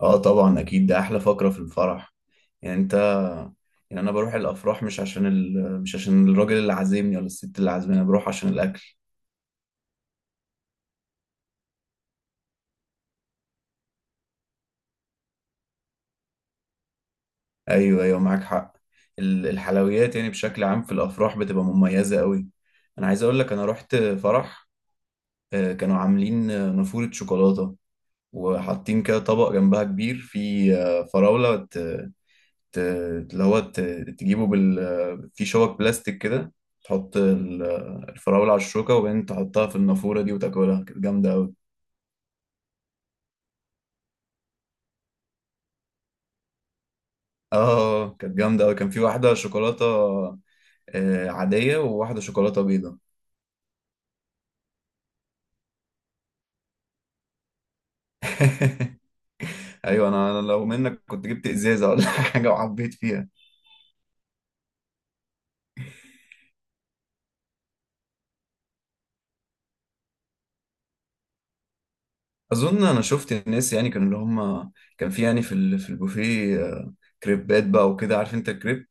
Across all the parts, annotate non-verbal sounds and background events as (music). اه، طبعا اكيد ده احلى فقرة في الفرح. يعني انت، يعني انا بروح الافراح مش عشان مش عشان الراجل اللي عازمني ولا الست اللي عازماني، انا بروح عشان الاكل. ايوه معاك حق. الحلويات يعني بشكل عام في الافراح بتبقى مميزة قوي. انا عايز اقول لك انا رحت فرح، كانوا عاملين نافورة شوكولاتة، وحاطين كده طبق جنبها كبير فيه فراولة. ت- اللي هو ت- تجيبه في شوك بلاستيك كده، تحط الفراولة على الشوكة وبعدين تحطها في النافورة دي وتاكلها. كانت جامدة أوي. اه كانت جامدة أوي، كان في واحدة شوكولاتة عادية وواحدة شوكولاتة بيضة. (laughs) ايوه أنا لو منك كنت جبت ازازه ولا (laughs) حاجه وعبيت فيها. اظن انا شفت الناس، يعني كانوا اللي هم كان في، يعني في في البوفيه كريبات بقى وكده، عارف انت الكريب.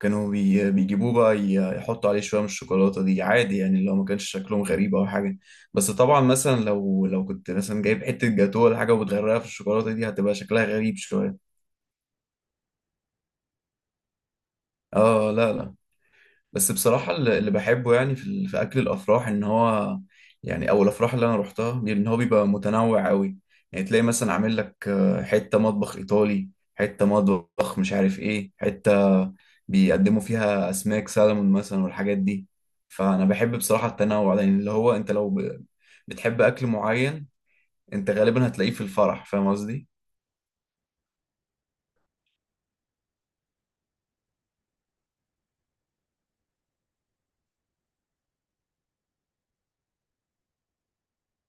كانوا بيجيبوه بقى، يحطوا عليه شوية من الشوكولاتة دي عادي يعني، اللي هو ما كانش شكلهم غريب أو حاجة. بس طبعا مثلا لو كنت مثلا جايب حتة جاتوه ولا حاجة وبتغرقها في الشوكولاتة دي هتبقى شكلها غريب شوية. اه لا لا. بس بصراحة اللي بحبه يعني في في أكل الأفراح إن هو، يعني أو الأفراح اللي أنا روحتها إن هو بيبقى متنوع أوي. يعني تلاقي مثلا عامل لك حتة مطبخ إيطالي، حتة مطبخ مش عارف إيه، حتة بيقدموا فيها أسماك سالمون مثلا والحاجات دي. فأنا بحب بصراحة التنوع ده، يعني اللي هو أنت لو بتحب أكل معين أنت غالبا هتلاقيه في الفرح، فاهم قصدي؟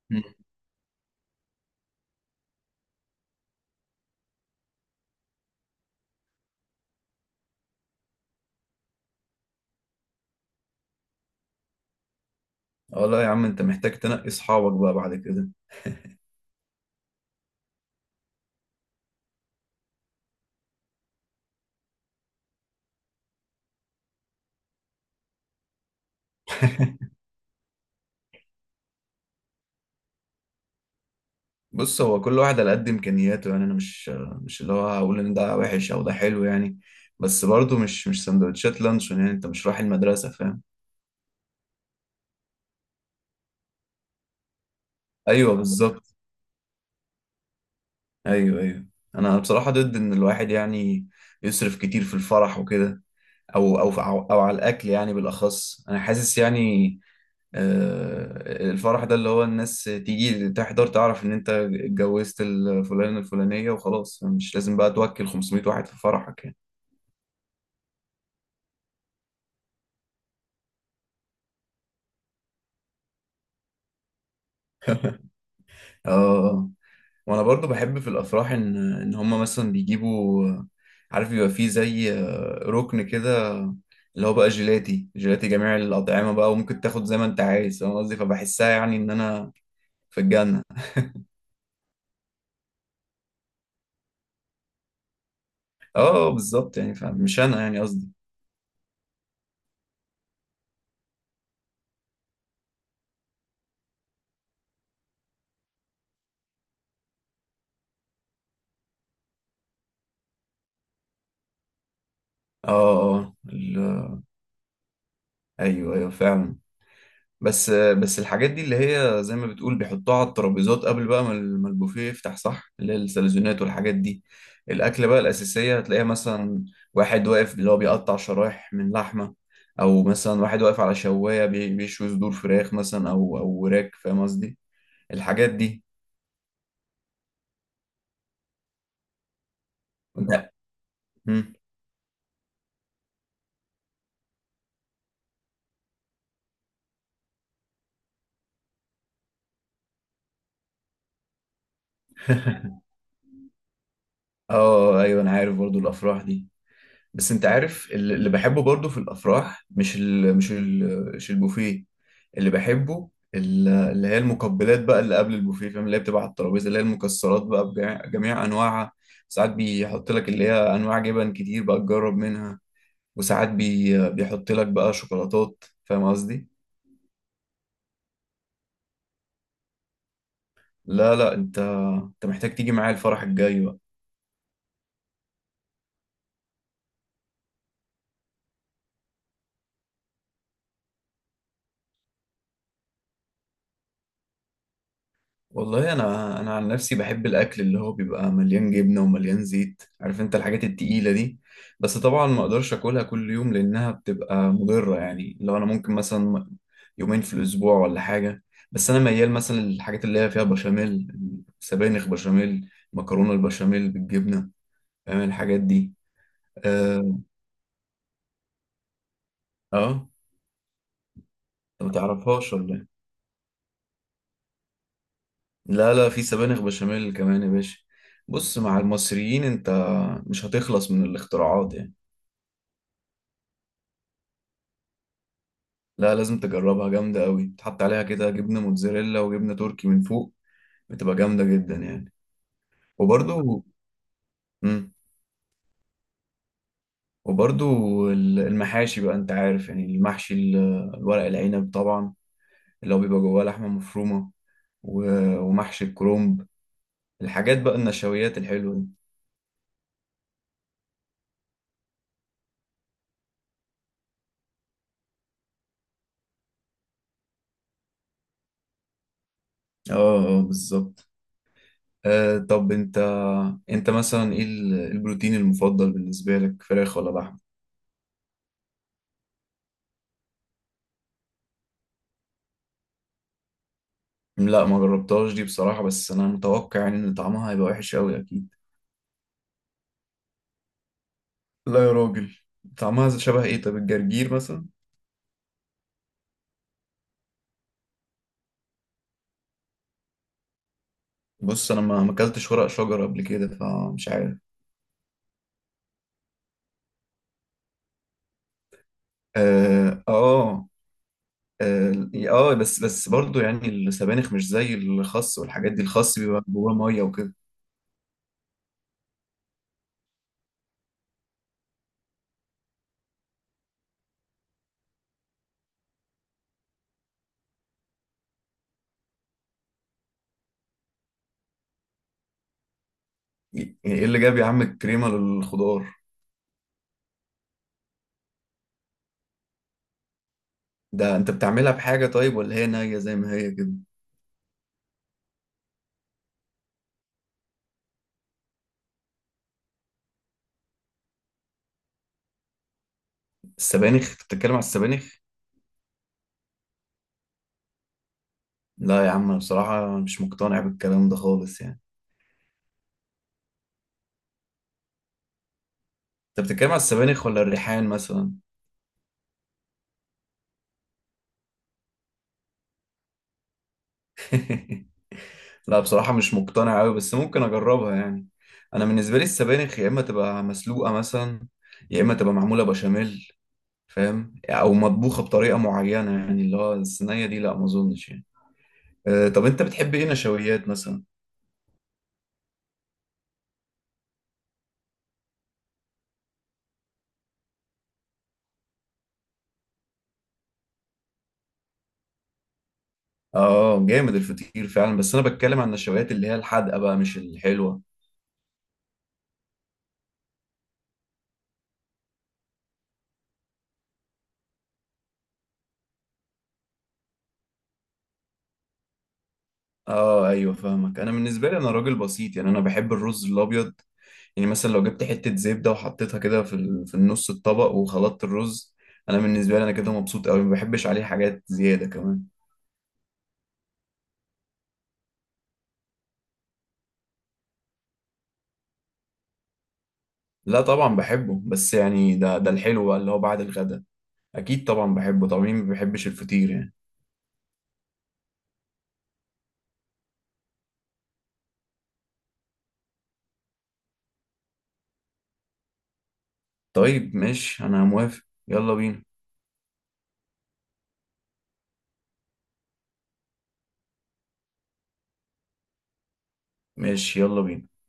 مم. اه لا يا عم أنت محتاج تنقي أصحابك بقى بعد كده. (laughs) بص، هو كل واحد على قد امكانياته يعني. انا مش، مش اللي هو هقول ان ده وحش او ده حلو يعني، بس برضه مش، مش سندوتشات لانشون. يعني انت مش رايح المدرسه، فاهم؟ ايوه بالظبط. ايوه. انا بصراحه ضد ان الواحد يعني يصرف كتير في الفرح وكده، او او على الاكل يعني. بالاخص انا حاسس يعني الفرح ده اللي هو الناس تيجي تحضر تعرف ان انت اتجوزت الفلانه الفلانيه وخلاص، مش لازم بقى توكل 500 واحد في فرحك يعني. (laughs) اه. وانا برضو بحب في الافراح ان، ان هم مثلا بيجيبوا، عارف بيبقى فيه زي ركن كده اللي هو بقى جيلاتي جميع الاطعمه بقى، وممكن تاخد زي ما انت عايز، فاهم قصدي؟ فبحسها يعني ان انا في الجنه. اه بالظبط يعني، فمش انا يعني قصدي. اه اه ال- ايوه فعلا. بس الحاجات دي اللي هي زي ما بتقول بيحطوها على الترابيزات قبل بقى ما ما البوفيه يفتح، صح؟ اللي هي السلزونات والحاجات دي. الأكلة بقى الأساسية هتلاقيها مثلا واحد واقف اللي هو بيقطع شرايح من لحمة، أو مثلا واحد واقف على شواية بيشوي صدور فراخ مثلا، أو أو وراك، فاهم قصدي؟ الحاجات دي. لا. مم. (laughs) اه ايوه انا عارف برضو الافراح دي. بس انت عارف اللي بحبه برضو في الافراح مش ال، مش ال، مش البوفيه. اللي بحبه اللي هي المقبلات بقى اللي قبل البوفيه، فاهم؟ اللي هي بتبقى على الترابيزه، اللي هي المكسرات بقى بجميع، جميع انواعها. ساعات بيحط لك اللي هي انواع جبن كتير بقى تجرب منها، وساعات بيحط لك بقى شوكولاتات، فاهم قصدي؟ لا لا، انت محتاج تيجي معايا الفرح الجاي بقى. والله انا، انا عن نفسي بحب الاكل اللي هو بيبقى مليان جبنه ومليان زيت، عارف انت الحاجات التقيله دي. بس طبعا ما اقدرش اكلها كل يوم لانها بتبقى مضره، يعني لو انا ممكن مثلا يومين في الاسبوع ولا حاجه. بس انا ميال مثلا للحاجات اللي هي فيها بشاميل، سبانخ بشاميل، مكرونه البشاميل بالجبنه، فاهم الحاجات دي؟ اه اه. انت ما تعرفهاش ولا إيه؟ لا لا، في سبانخ بشاميل كمان يا باشا. بص، مع المصريين انت مش هتخلص من الاختراعات يعني. لا لازم تجربها، جامدة قوي، تحط عليها كده جبنة موتزاريلا وجبنة تركي من فوق، بتبقى جامدة جدا يعني. وبرضو، مم، وبرضو المحاشي بقى، انت عارف يعني المحشي الورق العنب طبعا، اللي هو بيبقى جواه لحمة مفرومة، ومحشي الكرنب، الحاجات بقى النشويات الحلوة دي. اه اه بالظبط. آه طب انت، انت مثلا ايه البروتين المفضل بالنسبة لك، فراخ ولا لحم؟ لا ما جربتهاش دي بصراحة، بس انا متوقع يعني ان طعمها هيبقى وحش قوي اكيد. لا يا راجل، طعمها شبه ايه؟ طب الجرجير مثلا. بص انا ما اكلتش ورق شجر قبل كده، فمش عارف. اه اه اه، بس برضو يعني السبانخ مش زي الخس والحاجات دي، الخس بيبقى جواه ميه وكده. يعني ايه اللي جاب يا عم الكريمه للخضار؟ ده انت بتعملها بحاجه طيب ولا هي نيه زي ما هي كده؟ السبانخ، أنت بتتكلم على السبانخ؟ لا يا عم أنا بصراحه مش مقتنع بالكلام ده خالص يعني. انت بتتكلم على السبانخ ولا الريحان مثلا؟ (laughs) لا بصراحة مش مقتنع أوي، بس ممكن أجربها يعني. أنا بالنسبة لي السبانخ يا إما تبقى مسلوقة مثلا، يا إما تبقى معمولة بشاميل، فاهم؟ أو مطبوخة بطريقة معينة يعني، اللي هو الصينية دي لا ما أظنش يعني. أه طب أنت بتحب إيه نشويات مثلا؟ آه جامد الفطير فعلا، بس أنا بتكلم عن النشويات اللي هي الحادقة بقى مش الحلوة. آه أيوه فاهمك. أنا بالنسبة لي أنا راجل بسيط يعني، أنا بحب الرز الأبيض. يعني مثلا لو جبت حتة زبدة وحطيتها كده في في النص الطبق وخلطت الرز، أنا بالنسبة لي أنا كده مبسوط أوي، ما بحبش عليه حاجات زيادة كمان. لا طبعا بحبه، بس يعني ده الحلو بقى اللي هو بعد الغدا، أكيد طبعا بحبه طبعا، مين ما بيحبش الفطير يعني. طيب ماشي أنا موافق، يلا بينا. ماشي يلا بينا.